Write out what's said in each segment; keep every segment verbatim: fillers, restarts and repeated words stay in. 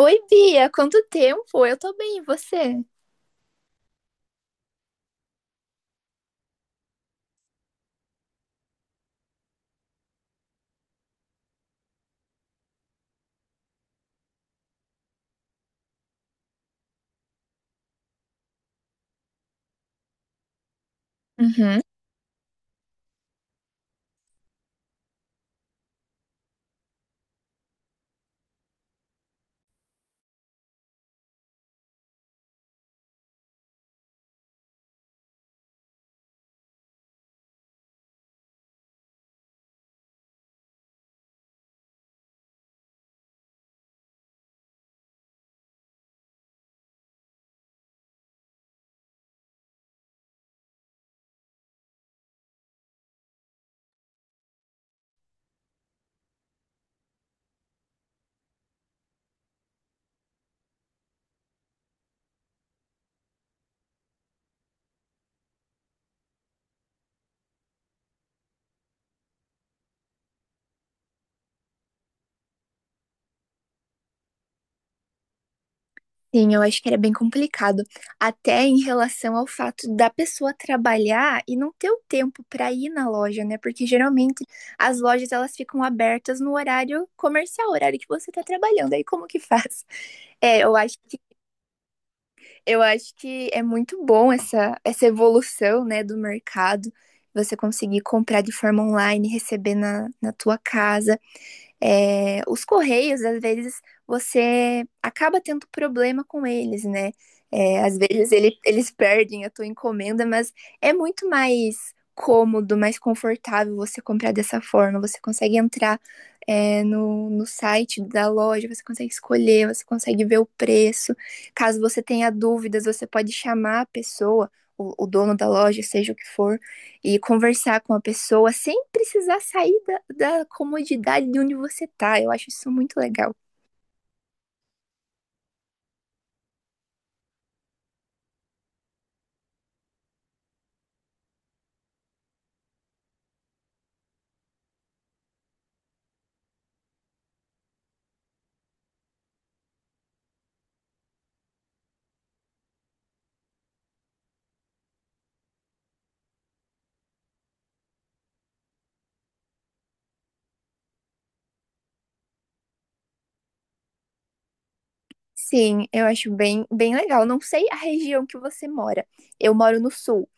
Oi, Bia, quanto tempo? Eu tô bem, e você? Uhum. Sim, eu acho que era bem complicado, até em relação ao fato da pessoa trabalhar e não ter o tempo pra ir na loja, né? Porque geralmente as lojas elas ficam abertas no horário comercial, horário que você tá trabalhando. Aí como que faz? É, eu acho que Eu acho que é muito bom essa, essa evolução, né, do mercado. Você conseguir comprar de forma online, receber na, na tua casa. É, os correios, às vezes, você acaba tendo problema com eles, né? É, às vezes ele- eles perdem a tua encomenda, mas é muito mais cômodo, mais confortável você comprar dessa forma. Você consegue entrar, é, no, no site da loja, você consegue escolher, você consegue ver o preço. Caso você tenha dúvidas, você pode chamar a pessoa, o, o dono da loja, seja o que for, e conversar com a pessoa sem precisar sair da, da comodidade de onde você tá. Eu acho isso muito legal. Sim, eu acho bem, bem legal. Não sei a região que você mora. Eu moro no sul.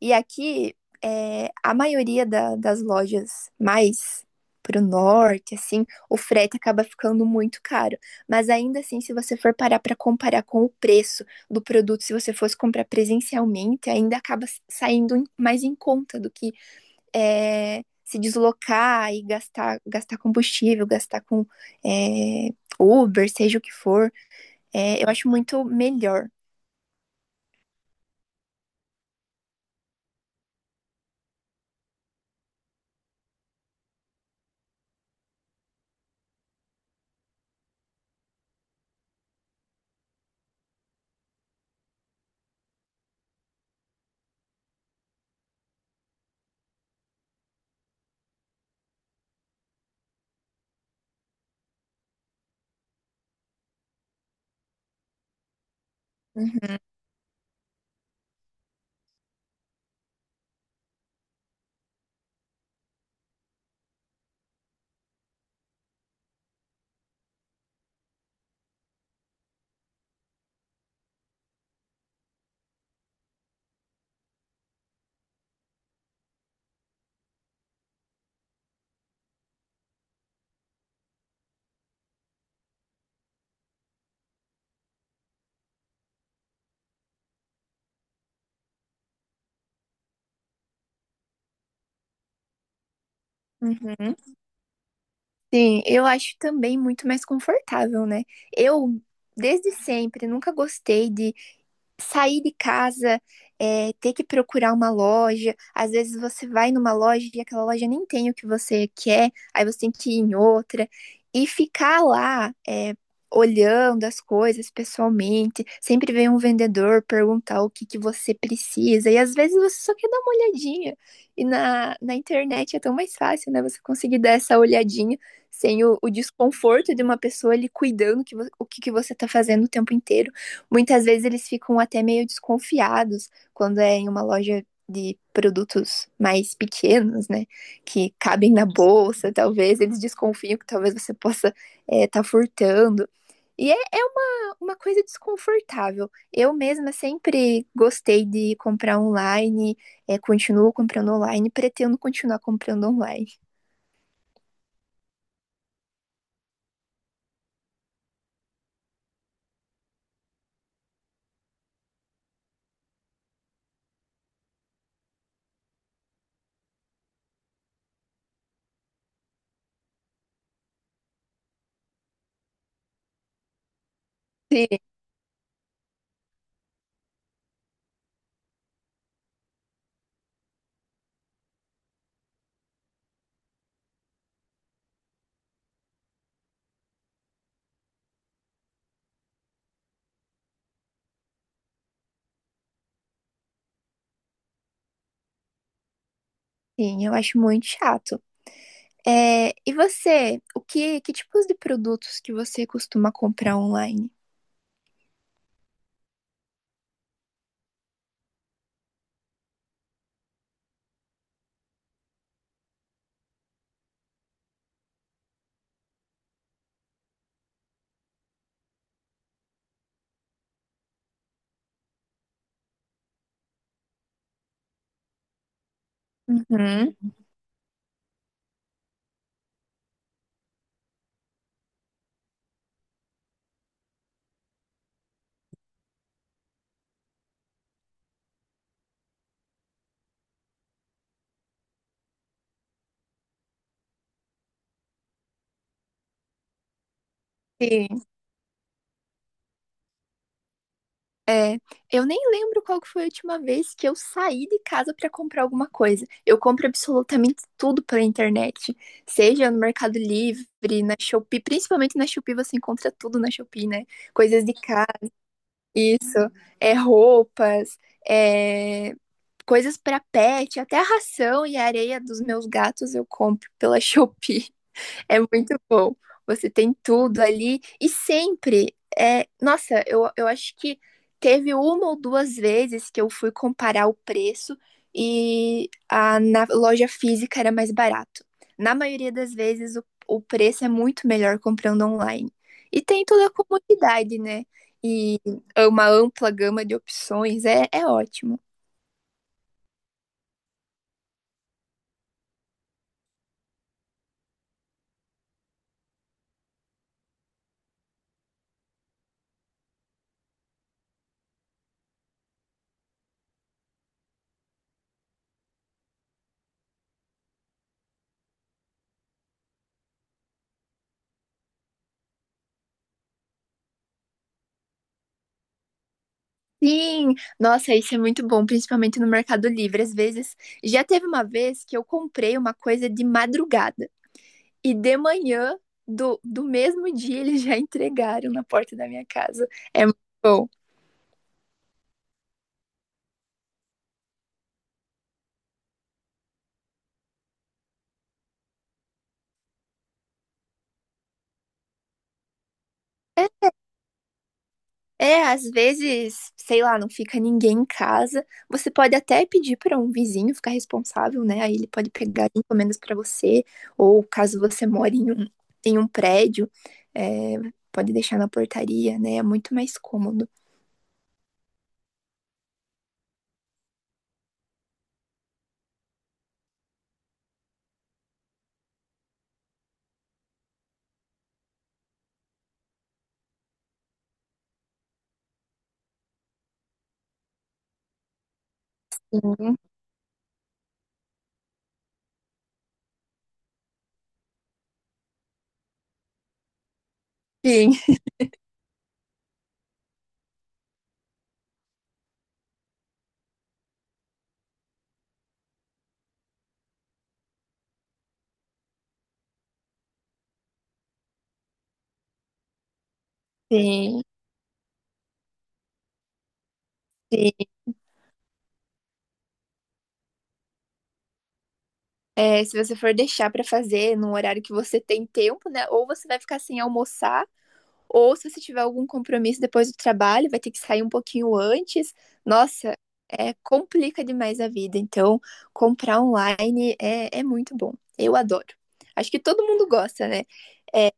E aqui, é, a maioria da- das lojas mais pro norte, assim, o frete acaba ficando muito caro. Mas ainda assim, se você for parar para comparar com o preço do produto, se você fosse comprar presencialmente, ainda acaba s- saindo em- mais em conta do que é, se deslocar e gastar, gastar combustível, gastar com é, Uber, seja o que for. É, eu acho muito melhor. Uhum, uhum. Sim, eu acho também muito mais confortável, né? Eu, desde sempre, nunca gostei de sair de casa, é, ter que procurar uma loja. Às vezes você vai numa loja e aquela loja nem tem o que você quer, aí você tem que ir em outra. E ficar lá, é, olhando as coisas pessoalmente, sempre vem um vendedor perguntar o que que você precisa. E às vezes você só quer dar uma olhadinha. E na, na internet é tão mais fácil, né? Você conseguir dar essa olhadinha sem o, o desconforto de uma pessoa ali cuidando que, vo- o que que você tá fazendo o tempo inteiro. Muitas vezes eles ficam até meio desconfiados quando é em uma loja de produtos mais pequenos, né? Que cabem na bolsa, talvez eles desconfiam que talvez você possa estar furtando. E é, é uma, uma coisa desconfortável. Eu mesma sempre gostei de comprar online, é, continuo comprando online, pretendo continuar comprando online. Sim, sim, eu acho muito chato. É, e você, o que, que tipos de produtos que você costuma comprar online? Uhum. Sim. É, eu nem lembro qual que foi a última vez que eu saí de casa para comprar alguma coisa. Eu compro absolutamente tudo pela internet, seja no Mercado Livre, na Shopee, principalmente na Shopee você encontra tudo na Shopee, né? Coisas de casa, isso, é roupas, é coisas para pet, até a ração e a areia dos meus gatos eu compro pela Shopee. É muito bom. Você tem tudo ali e sempre é, nossa, eu, eu acho que teve uma ou duas vezes que eu fui comparar o preço e a, na loja física era mais barato. Na maioria das vezes, o, o preço é muito melhor comprando online. E tem toda a comodidade, né? E uma ampla gama de opções, é, é ótimo. Sim, nossa, isso é muito bom, principalmente no Mercado Livre. Às vezes, já teve uma vez que eu comprei uma coisa de madrugada e de manhã do, do mesmo dia eles já entregaram na porta da minha casa. É muito bom. É, é, às vezes, sei lá, não fica ninguém em casa. Você pode até pedir para um vizinho ficar responsável, né? Aí ele pode pegar encomendas para você, ou caso você mora em um, em um prédio, é, pode deixar na portaria, né? É muito mais cômodo. Sim. Sim, sim, sim. É, se você for deixar pra fazer no horário que você tem tempo, né? Ou você vai ficar sem almoçar, ou se você tiver algum compromisso depois do trabalho, vai ter que sair um pouquinho antes. Nossa, é, complica demais a vida. Então, comprar online é, é muito bom. Eu adoro. Acho que todo mundo gosta, né? É,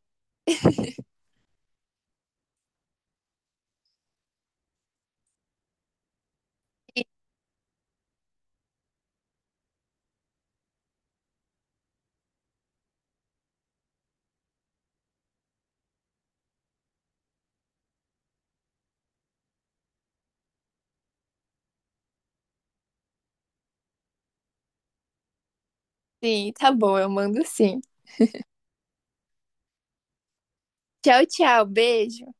sim, tá bom, eu mando sim. Tchau, tchau, beijo.